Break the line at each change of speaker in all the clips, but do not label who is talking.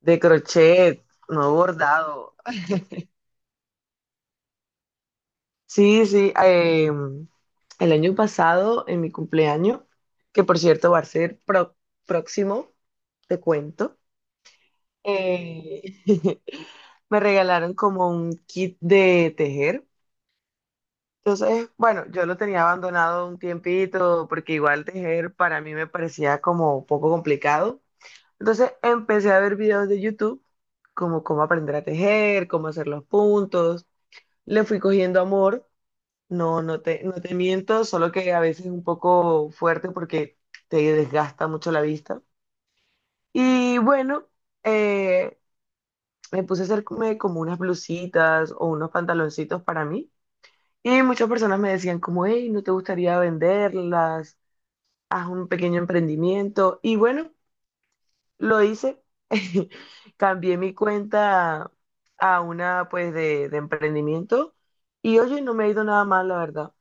De crochet, no bordado. Sí, sí. El año pasado, en mi cumpleaños, que por cierto va a ser próximo, te cuento, eh, me regalaron como un kit de tejer. Entonces, bueno, yo lo tenía abandonado un tiempito porque igual tejer para mí me parecía como un poco complicado. Entonces empecé a ver videos de YouTube como cómo aprender a tejer, cómo hacer los puntos. Le fui cogiendo amor. No, no te miento, solo que a veces es un poco fuerte porque te desgasta mucho la vista. Y bueno, eh, me puse a hacerme como unas blusitas o unos pantaloncitos para mí. Y muchas personas me decían como, hey, ¿no te gustaría venderlas? Haz un pequeño emprendimiento. Y bueno, lo hice. Cambié mi cuenta a una pues de emprendimiento. Y oye, no me ha ido nada mal, la verdad.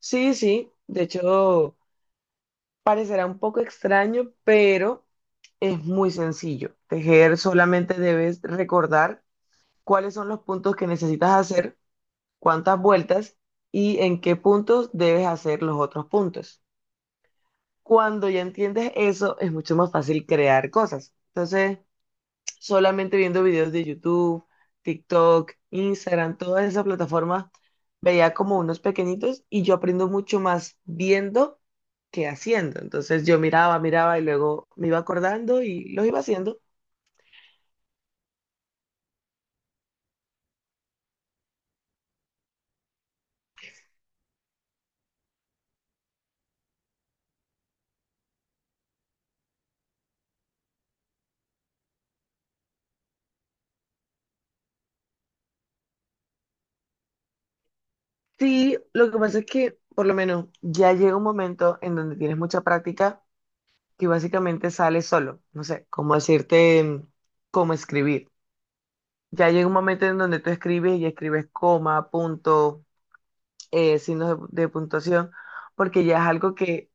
Sí, sí, de hecho parecerá un poco extraño, pero es muy sencillo. Tejer solamente debes recordar cuáles son los puntos que necesitas hacer, cuántas vueltas y en qué puntos debes hacer los otros puntos. Cuando ya entiendes eso, es mucho más fácil crear cosas. Entonces, solamente viendo videos de YouTube, TikTok, Instagram, todas esas plataformas, veía como unos pequeñitos y yo aprendo mucho más viendo que haciendo. Entonces yo miraba, miraba y luego me iba acordando y los iba haciendo. Sí, lo que pasa es que por lo menos ya llega un momento en donde tienes mucha práctica que básicamente sale solo. No sé, cómo decirte, cómo escribir. Ya llega un momento en donde tú escribes y escribes coma, punto, signos de puntuación, porque ya es algo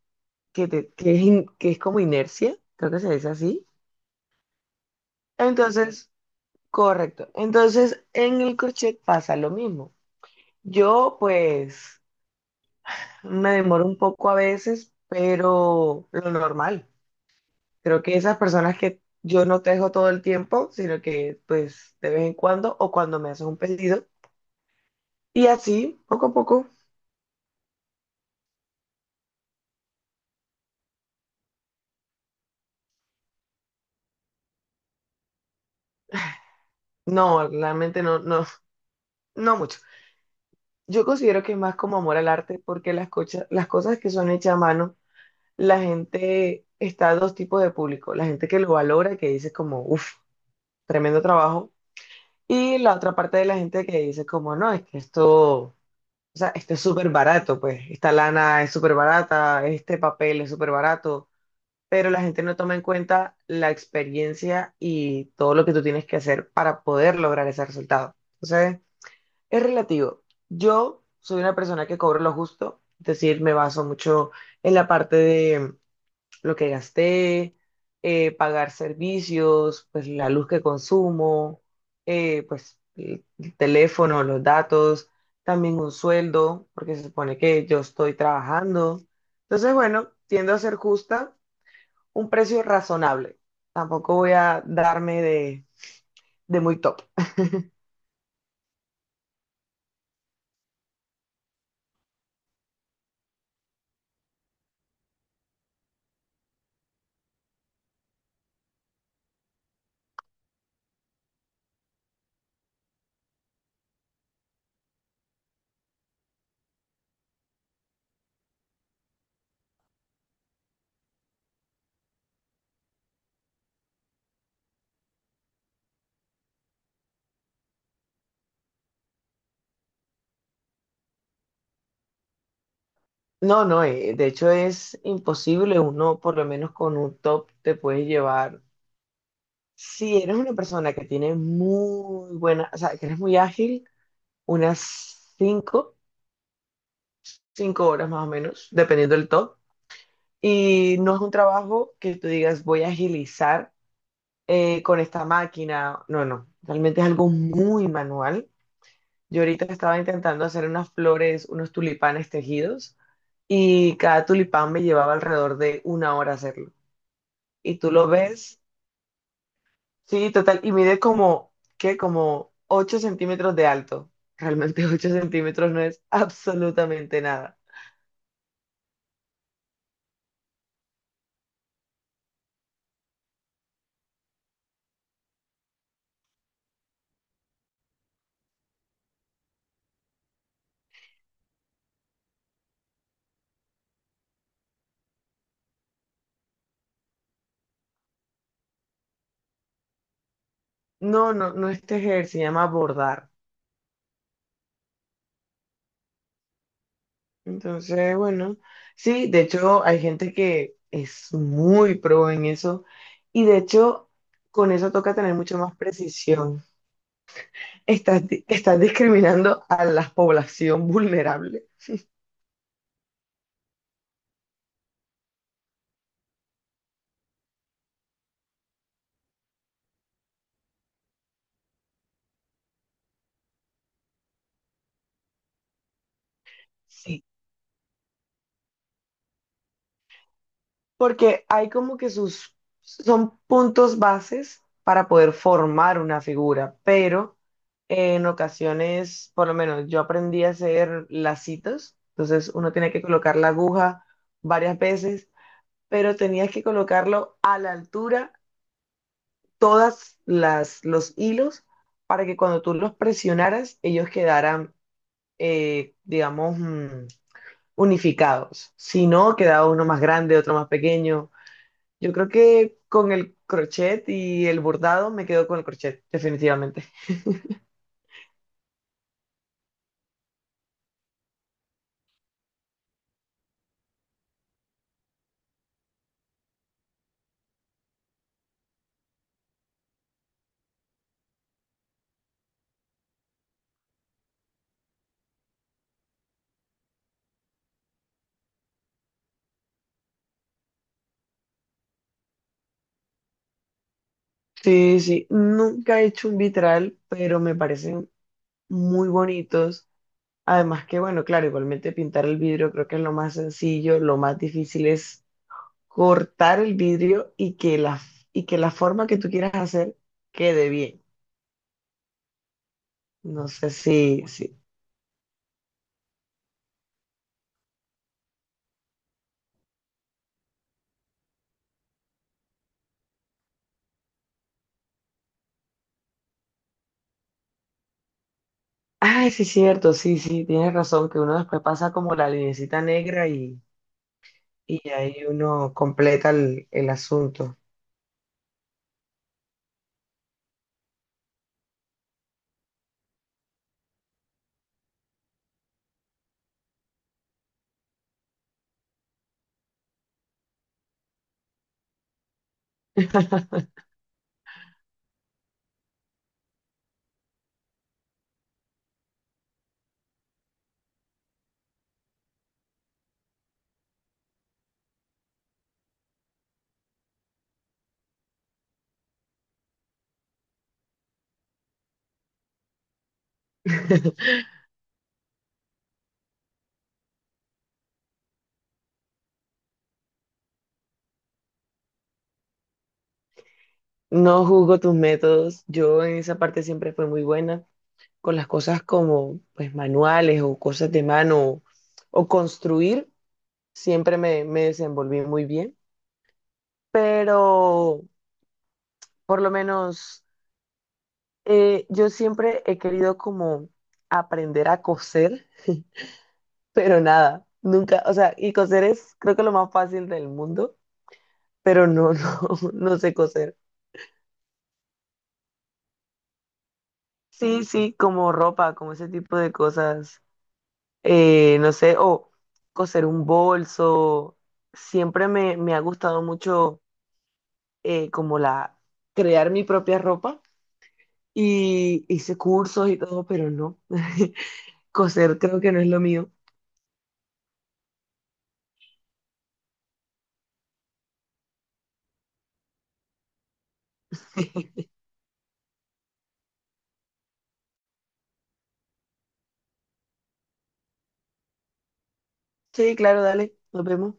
que, te- que es in- que es como inercia, creo que se dice así. Entonces, correcto. Entonces, en el crochet pasa lo mismo. Yo, pues, me demoro un poco a veces, pero lo normal. Creo que esas personas que yo no tejo todo el tiempo, sino que, pues, de vez en cuando o cuando me haces un pedido. Y así, poco a poco. No, realmente no, no, no mucho. Yo considero que es más como amor al arte, porque las cosas que son hechas a mano, la gente está a dos tipos de público. La gente que lo valora, que dice como, uff, tremendo trabajo. Y la otra parte de la gente que dice como, no, es que esto, o sea, esto es súper barato, pues, esta lana es súper barata, este papel es súper barato. Pero la gente no toma en cuenta la experiencia y todo lo que tú tienes que hacer para poder lograr ese resultado. Es relativo. Yo soy una persona que cobro lo justo, es decir, me baso mucho en la parte de lo que gasté, pagar servicios, pues la luz que consumo, pues el teléfono, los datos, también un sueldo, porque se supone que yo estoy trabajando. Entonces, bueno, tiendo a ser justa, un precio razonable. Tampoco voy a darme de muy top. No, no, de hecho es imposible. Uno, por lo menos con un top, te puedes llevar. Si eres una persona que tiene muy buena, o sea, que eres muy ágil, unas 5 horas más o menos, dependiendo del top. Y no es un trabajo que tú digas, voy a agilizar con esta máquina. No, no, realmente es algo muy manual. Yo ahorita estaba intentando hacer unas flores, unos tulipanes tejidos, y cada tulipán me llevaba alrededor de una hora hacerlo. Y tú lo ves, sí, total, y mide como, ¿qué? Como 8 centímetros de alto. Realmente 8 centímetros no es absolutamente nada. No, no, no este tejer, se llama bordar. Entonces, bueno, sí, de hecho hay gente que es muy pro en eso y de hecho con eso toca tener mucho más precisión. Estás, estás discriminando a la población vulnerable. Sí, porque hay como que sus, son puntos bases para poder formar una figura, pero en ocasiones, por lo menos yo aprendí a hacer lacitos, entonces uno tenía que colocar la aguja varias veces, pero tenías que colocarlo a la altura, todas las, los hilos, para que cuando tú los presionaras, ellos quedaran, digamos, unificados. Si no, quedaba uno más grande, otro más pequeño. Yo creo que con el crochet y el bordado me quedo con el crochet, definitivamente. Sí, sí, nunca he hecho un vitral, pero me parecen muy bonitos. Además que, bueno, claro, igualmente pintar el vidrio creo que es lo más sencillo, lo más difícil es cortar el vidrio y que la forma que tú quieras hacer quede bien. No sé si, si. Ay, sí, cierto, sí, sí, tienes razón, que uno después pasa como la linecita negra y ahí uno completa el asunto. No juzgo tus métodos, yo en esa parte siempre fui muy buena con las cosas como pues manuales o cosas de mano o construir, siempre me desenvolví muy bien, pero por lo menos yo siempre he querido como aprender a coser, pero nada, nunca, o sea, y coser es creo que lo más fácil del mundo, pero no, no, no sé coser. Sí, sí, como ropa, como ese tipo de cosas. No sé, o coser un bolso. Siempre me ha gustado mucho como la crear mi propia ropa y hice cursos y todo, pero no. Coser creo que no es lo mío. Sí, claro, dale, nos vemos.